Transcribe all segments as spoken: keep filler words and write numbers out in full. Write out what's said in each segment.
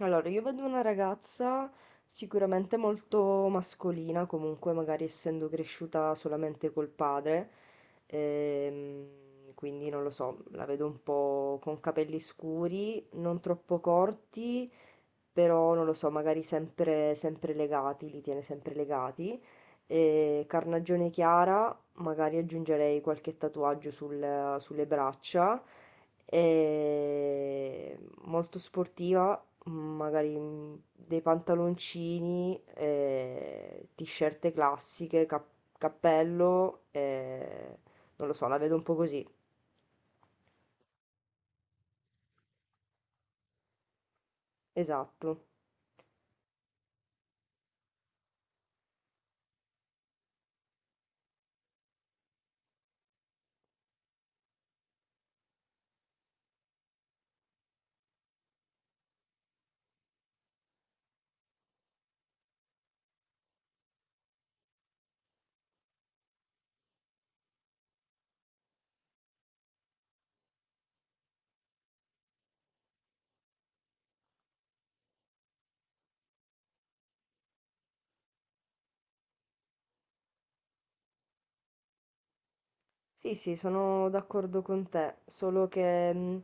Allora, io vedo una ragazza sicuramente molto mascolina, comunque magari essendo cresciuta solamente col padre, ehm, quindi non lo so, la vedo un po' con capelli scuri, non troppo corti, però non lo so, magari sempre sempre legati, li tiene sempre legati. E carnagione chiara, magari aggiungerei qualche tatuaggio sul- sulle braccia. E molto sportiva, magari mm, dei pantaloncini, eh, t-shirt classiche, cap- cappello, eh, non lo so, la vedo un po' così. Esatto. Sì, sì, sono d'accordo con te, solo che mh,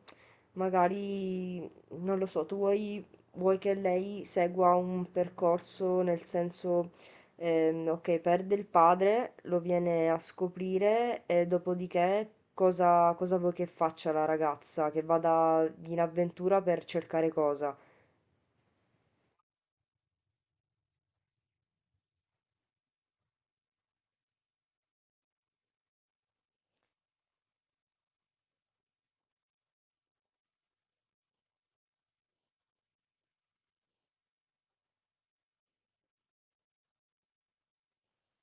magari, non lo so, tu vuoi, vuoi che lei segua un percorso nel senso, ehm, ok, perde il padre, lo viene a scoprire e dopodiché cosa, cosa vuoi che faccia la ragazza? Che vada in avventura per cercare cosa?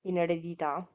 In eredità?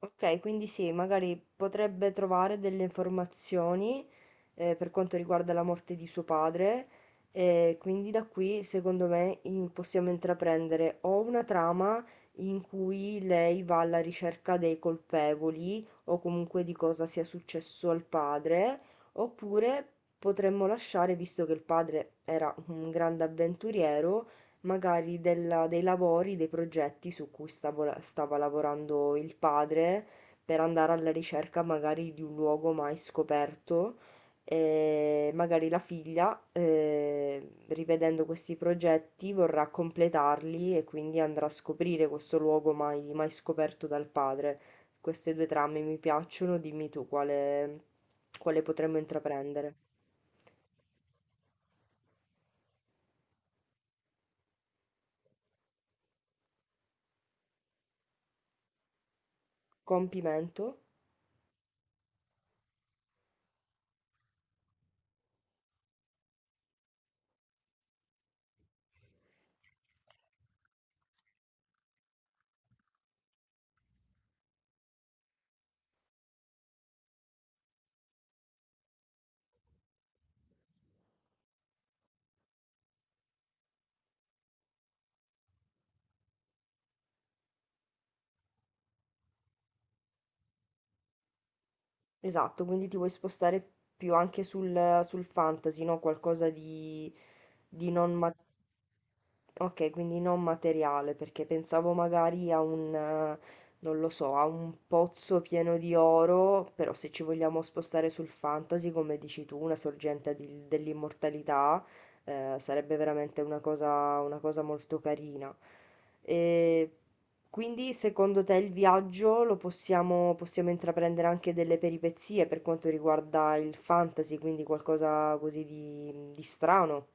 Ok, quindi sì, magari potrebbe trovare delle informazioni eh, per quanto riguarda la morte di suo padre e quindi da qui secondo me in- possiamo intraprendere o una trama in cui lei va alla ricerca dei colpevoli o comunque di cosa sia successo al padre, oppure potremmo lasciare, visto che il padre era un grande avventuriero, magari della dei lavori, dei progetti su cui stavo la stava lavorando il padre, per andare alla ricerca magari di un luogo mai scoperto. E magari la figlia, ehm, rivedendo questi progetti, vorrà completarli e quindi andrà a scoprire questo luogo mai, mai scoperto dal padre. Queste due trame mi piacciono, dimmi tu quale, quale potremmo intraprendere. Compimento? Esatto, quindi ti vuoi spostare più anche sul, sul fantasy, no? Qualcosa di, di non, ma- Okay, quindi non materiale, perché pensavo magari a un eh, non lo so, a un pozzo pieno di oro, però se ci vogliamo spostare sul fantasy, come dici tu, una sorgente di- dell'immortalità, eh, sarebbe veramente una cosa, una cosa molto carina. E quindi secondo te il viaggio lo possiamo, possiamo intraprendere anche delle peripezie per quanto riguarda il fantasy, quindi qualcosa così di di strano?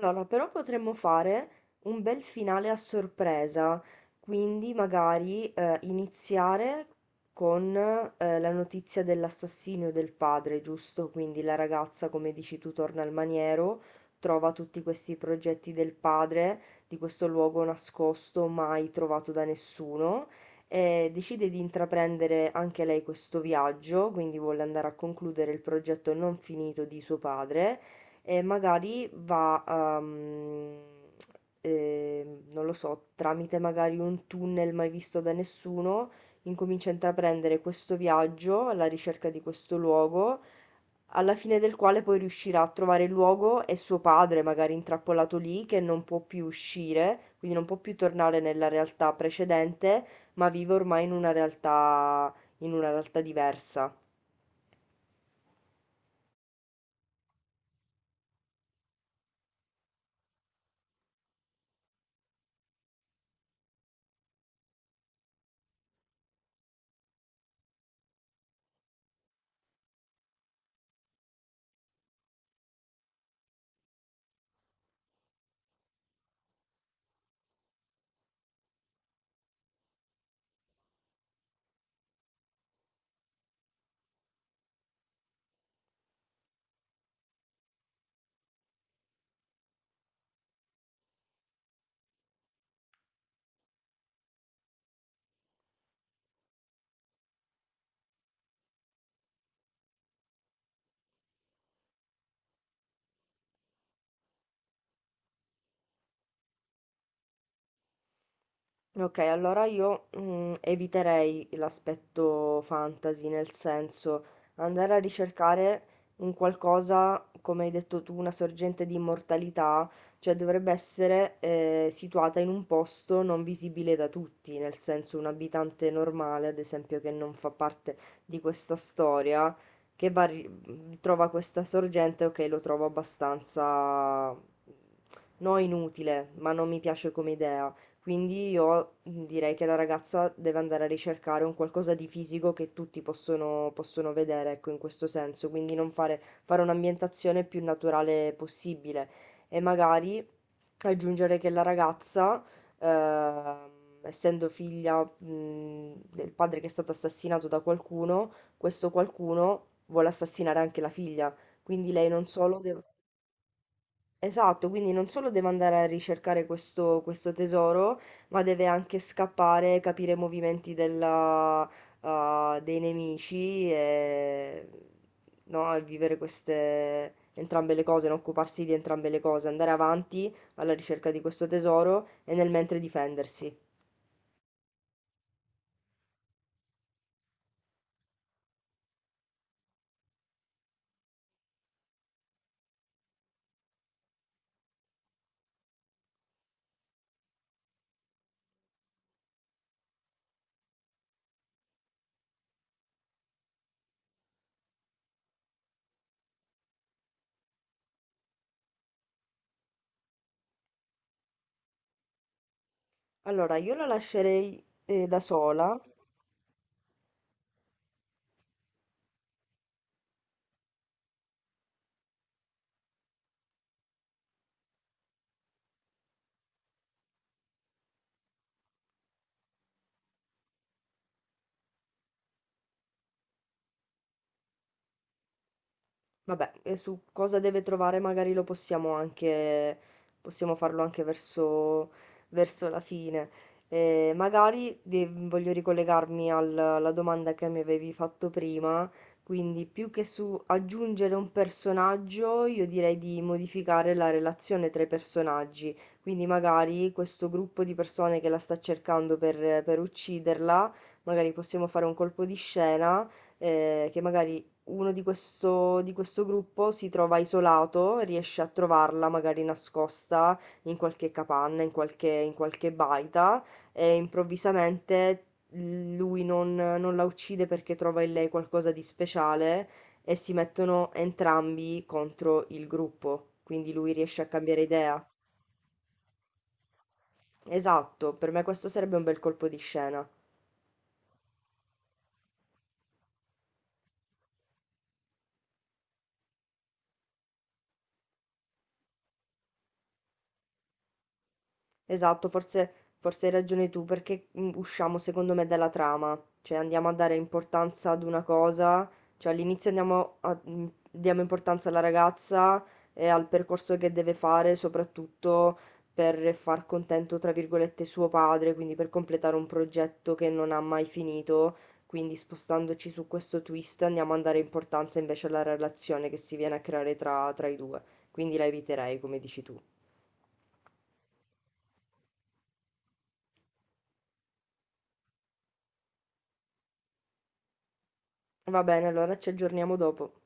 Allora, però potremmo fare un bel finale a sorpresa, quindi magari eh, iniziare con eh, la notizia dell'assassinio del padre, giusto? Quindi la ragazza, come dici tu, torna al maniero, trova tutti questi progetti del padre, di questo luogo nascosto, mai trovato da nessuno, e decide di intraprendere anche lei questo viaggio, quindi vuole andare a concludere il progetto non finito di suo padre e magari va a, mm, eh, non lo so, tramite magari un tunnel mai visto da nessuno, incomincia a intraprendere questo viaggio alla ricerca di questo luogo, alla fine del quale poi riuscirà a trovare il luogo e suo padre, magari intrappolato lì, che non può più uscire, quindi non può più tornare nella realtà precedente, ma vive ormai in una realtà, in una realtà diversa. Okay, allora io, mhmm, eviterei l'aspetto fantasy, nel senso andare a ricercare un qualcosa, come hai detto tu, una sorgente di immortalità, cioè dovrebbe essere, ehm, situata in un posto non visibile da tutti, nel senso un abitante normale, ad esempio, che non fa parte di questa storia, che va a ri mhmm, trova questa sorgente, okay, lo trovo abbastanza, no inutile, ma non mi piace come idea. Quindi io mh, direi che la ragazza deve andare a ricercare un qualcosa di fisico che tutti possono, possono vedere, ecco, in questo senso, quindi non fare, fare un'ambientazione più naturale possibile e magari aggiungere che la ragazza, ehm, essendo figlia, mh, del padre che è stato assassinato da qualcuno, questo qualcuno vuole assassinare anche la figlia, quindi lei non solo deve... Esatto, quindi non solo deve andare a ricercare questo, questo tesoro, ma deve anche scappare, capire i movimenti della- ah, dei nemici e, no, e vivere queste, entrambe le cose, non occuparsi di entrambe le cose, andare avanti alla ricerca di questo tesoro e nel mentre difendersi. Allora, io la lascerei eh, da sola. Vabbè, e su cosa deve trovare magari lo possiamo anche, possiamo farlo anche verso, verso la fine. Eh, magari de- voglio ricollegarmi al- alla domanda che mi avevi fatto prima, quindi più che su aggiungere un personaggio, io direi di modificare la relazione tra i personaggi, quindi magari questo gruppo di persone che la sta cercando per per ucciderla, magari possiamo fare un colpo di scena eh, che magari uno di questo, di questo gruppo si trova isolato, riesce a trovarla magari nascosta in qualche capanna, in qualche, in qualche baita e improvvisamente lui non, non la uccide perché trova in lei qualcosa di speciale e si mettono entrambi contro il gruppo, quindi lui riesce a cambiare idea. Esatto, per me questo sarebbe un bel colpo di scena. Esatto, forse forse hai ragione tu, perché mm, usciamo secondo me dalla trama, cioè andiamo a dare importanza ad una cosa, cioè all'inizio andiamo a- mm, diamo importanza alla ragazza e al percorso che deve fare, soprattutto per far contento, tra virgolette, suo padre, quindi per completare un progetto che non ha mai finito, quindi spostandoci su questo twist andiamo a dare importanza invece alla relazione che si viene a creare tra, tra i due, quindi la eviterei, come dici tu. Va bene, allora ci aggiorniamo dopo.